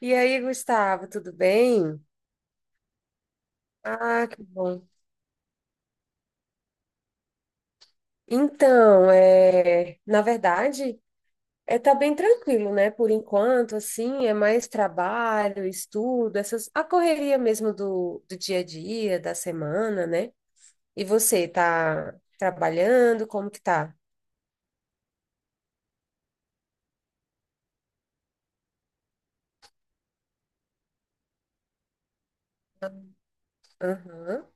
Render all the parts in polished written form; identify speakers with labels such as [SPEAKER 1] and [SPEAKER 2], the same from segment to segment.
[SPEAKER 1] E aí, Gustavo, tudo bem? Ah, que bom. Então, na verdade, tá bem tranquilo, né? Por enquanto, assim, é mais trabalho, estudo, essas a correria mesmo do dia a dia, da semana, né? E você tá trabalhando? Como que tá? Aham.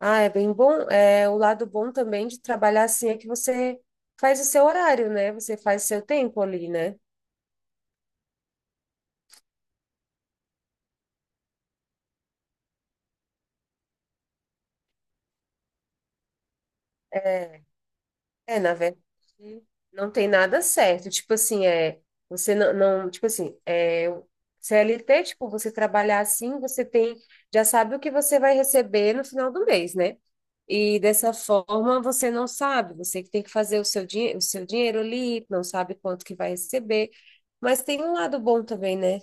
[SPEAKER 1] Ah, é bem bom. É, o lado bom também de trabalhar assim é que você faz o seu horário, né? Você faz o seu tempo ali, né? É, na verdade, não tem nada certo. Tipo assim, você não, tipo assim, o CLT, tipo, você trabalhar assim, você tem, já sabe o que você vai receber no final do mês, né? E dessa forma você não sabe, você que tem que fazer o seu dinheiro ali, não sabe quanto que vai receber. Mas tem um lado bom também, né?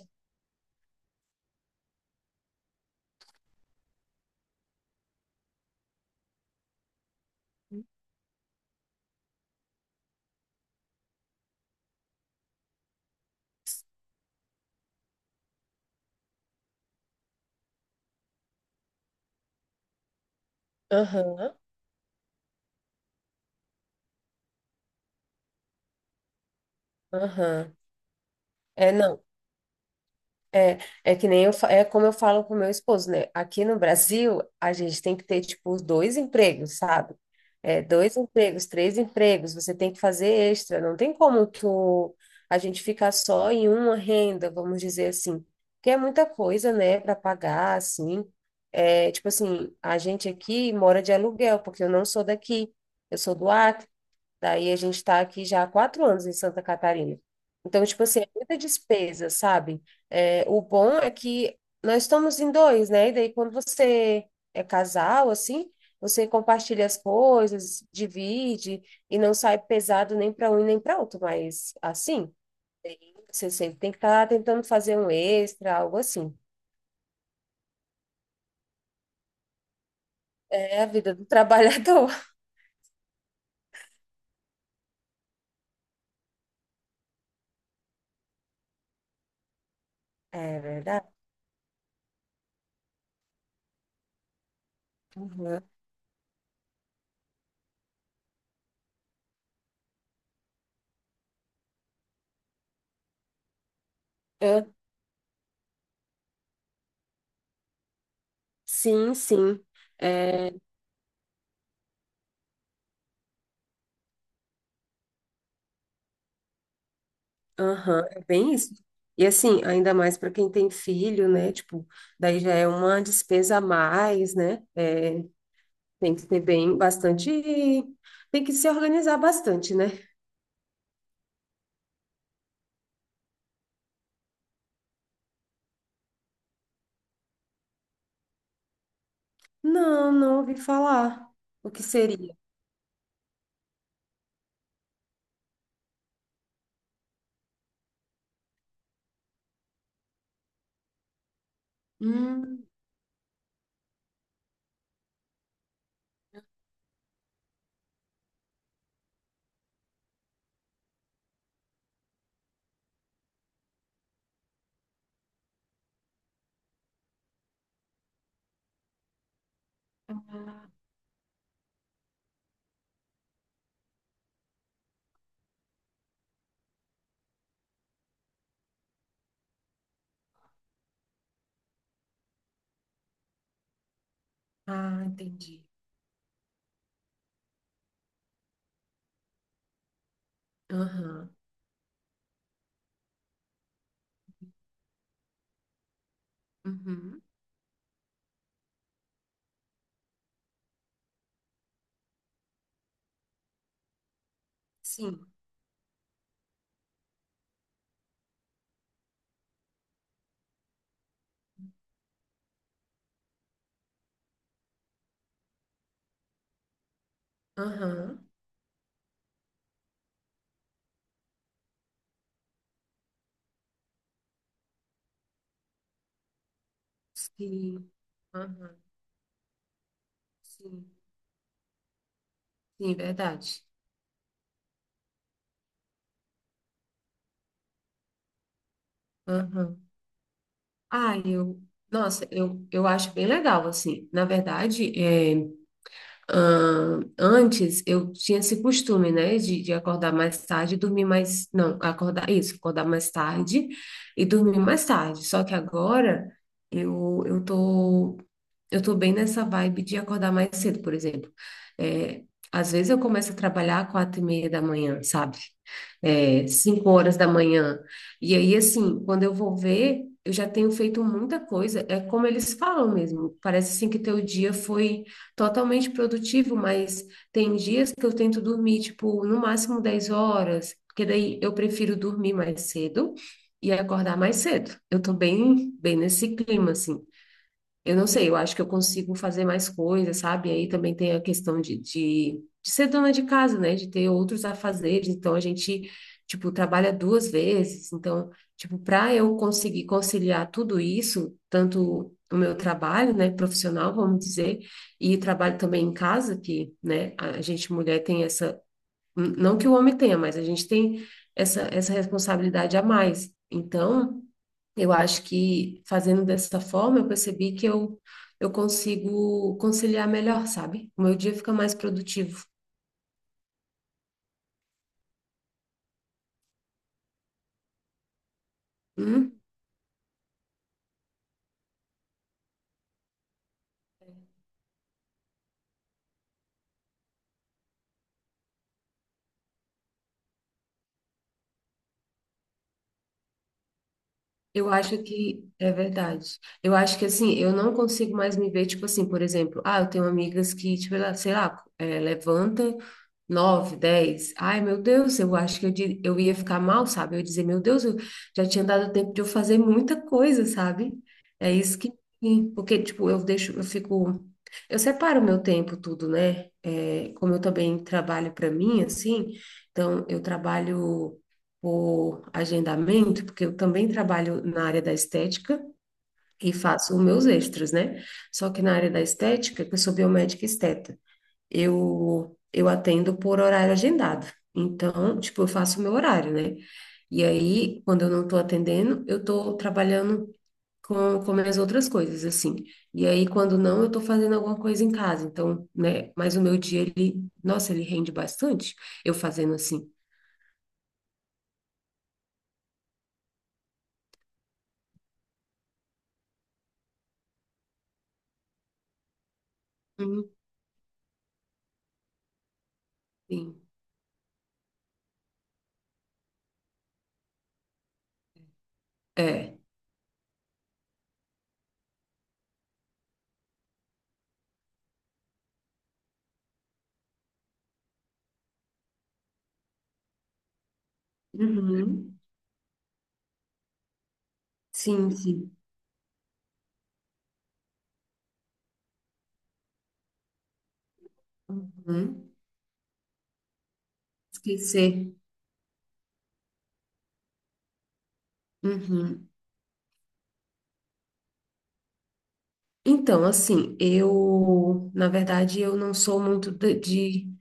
[SPEAKER 1] Aham, aham. É, não. É, é que nem eu, fa- é como eu falo com o meu esposo, né? Aqui no Brasil, a gente tem que ter, tipo, dois empregos, sabe? É, dois empregos, três empregos, você tem que fazer extra, não tem como tu, a gente ficar só em uma renda, vamos dizer assim, porque é muita coisa, né, para pagar, assim. É, tipo assim, a gente aqui mora de aluguel, porque eu não sou daqui, eu sou do Acre. Daí a gente está aqui já há 4 anos em Santa Catarina. Então, tipo assim, é muita despesa, sabe? É, o bom é que nós estamos em dois, né? E daí quando você é casal, assim, você compartilha as coisas, divide e não sai pesado nem para um e nem para outro. Mas assim, você sempre tem que estar tentando fazer um extra, algo assim. É a vida do trabalhador. É verdade. Uhum. É, sim, sim. É, aham, é bem isso. E assim, ainda mais para quem tem filho, né? Tipo, daí já é uma despesa a mais, né? É, tem que ter bem bastante, tem que se organizar bastante, né? Não, não ouvi falar. O que seria? Hum, ah, entendi. Aham. Uhum. Sim. Aham. Sim. Aham. Sim, sim, verdade. Aham. Ah, nossa, eu acho bem legal, assim. Na verdade, é. Ah, antes eu tinha esse costume, né, de acordar mais tarde e dormir mais. Não, acordar isso, acordar mais tarde e dormir mais tarde. Só que agora eu tô. Eu tô bem nessa vibe de acordar mais cedo, por exemplo. É, às vezes eu começo a trabalhar às 4h30 da manhã, sabe? É, 5 horas da manhã. E aí, assim, quando eu vou ver, eu já tenho feito muita coisa. É como eles falam mesmo. Parece assim que teu dia foi totalmente produtivo, mas tem dias que eu tento dormir, tipo, no máximo 10 horas, porque daí eu prefiro dormir mais cedo e acordar mais cedo. Eu tô bem, bem nesse clima, assim. Eu não sei, eu acho que eu consigo fazer mais coisas, sabe? Aí também tem a questão de ser dona de casa, né? De ter outros afazeres. Então, a gente, tipo, trabalha duas vezes. Então, tipo, para eu conseguir conciliar tudo isso, tanto o meu trabalho, né, profissional, vamos dizer, e trabalho também em casa, que, né, a gente mulher tem essa Não que o homem tenha, mas a gente tem essa responsabilidade a mais. Então, eu acho que fazendo dessa forma, eu percebi que eu consigo conciliar melhor, sabe? O meu dia fica mais produtivo. Uhum. Eu acho que é verdade. Eu acho que assim, eu não consigo mais me ver, tipo assim, por exemplo, ah, eu tenho amigas que, tipo, sei lá, levanta nove, dez. Ai, meu Deus, eu acho que eu ia ficar mal, sabe? Eu ia dizer, meu Deus, eu já tinha dado tempo de eu fazer muita coisa, sabe? É isso que. Porque, tipo, eu deixo, eu fico. Eu separo meu tempo, tudo, né? É, como eu também trabalho para mim, assim, então eu trabalho por agendamento, porque eu também trabalho na área da estética e faço os meus extras, né? Só que na área da estética, que eu sou biomédica esteta, eu atendo por horário agendado. Então, tipo, eu faço o meu horário, né? E aí, quando eu não estou atendendo, eu estou trabalhando com minhas outras coisas, assim. E aí, quando não, eu estou fazendo alguma coisa em casa. Então, né? Mas o meu dia, ele, nossa, ele rende bastante eu fazendo assim. Uhum. Sim. É. Uhum. Sim, sim. Uhum. Esquecer. Uhum. Então, assim, eu, na verdade, eu não sou muito de, de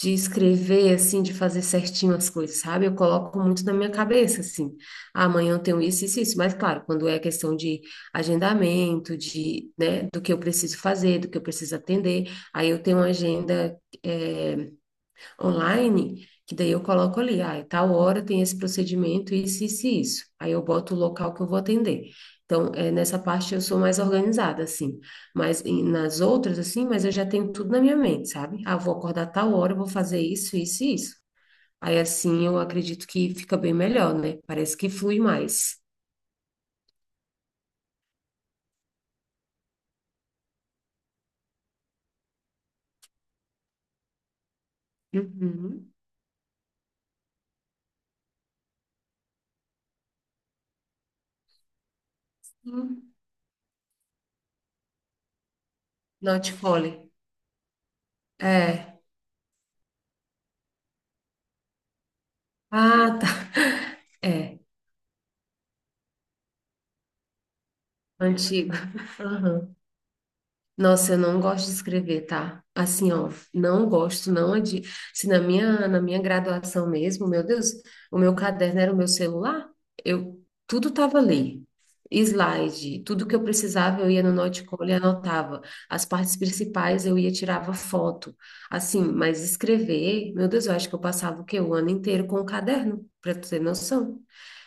[SPEAKER 1] de escrever, assim, de fazer certinho as coisas, sabe? Eu coloco muito na minha cabeça, assim, "Ah, amanhã eu tenho isso, isso, isso." Mas, claro, quando é questão de agendamento, de, né, do que eu preciso fazer, do que eu preciso atender, aí eu tenho uma agenda, eh, online, que daí eu coloco ali, ah, é tal hora tem esse procedimento, isso, e isso. Aí eu boto o local que eu vou atender. Então, nessa parte eu sou mais organizada, assim. Mas nas outras, assim, mas eu já tenho tudo na minha mente, sabe? Ah, vou acordar tal hora, eu vou fazer isso, isso e isso. Aí assim eu acredito que fica bem melhor, né? Parece que flui mais. Uhum. Hum. Not Folly. É. Ah, tá. É. Antigo. Aham. Nossa, eu não gosto de escrever, tá? Assim, ó, não gosto, não é de. Se na minha graduação mesmo, meu Deus, o meu caderno era o meu celular, eu tudo tava ali. Slide, tudo que eu precisava, eu ia no Notebook e anotava. As partes principais eu ia tirava foto. Assim, mas escrever, meu Deus, eu acho que eu passava o quê? O ano inteiro com o caderno, para tu ter noção.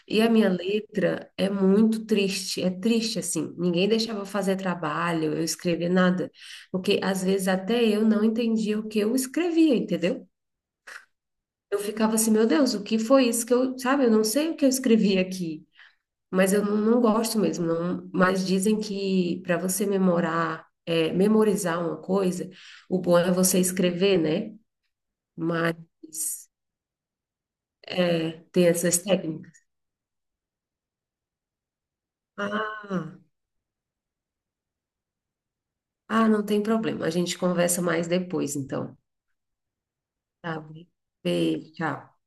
[SPEAKER 1] E a minha letra é muito triste, é triste assim. Ninguém deixava eu fazer trabalho, eu escrever nada, porque às vezes até eu não entendia o que eu escrevia, entendeu? Eu ficava assim, meu Deus, o que foi isso que eu, sabe? Eu não sei o que eu escrevi aqui, mas eu não gosto mesmo. Não, mas dizem que para você memorar, memorizar uma coisa, o bom é você escrever, né? Mas tem essas técnicas. Ah. Ah, não tem problema. A gente conversa mais depois, então. Tá bem. Beijo, tchau.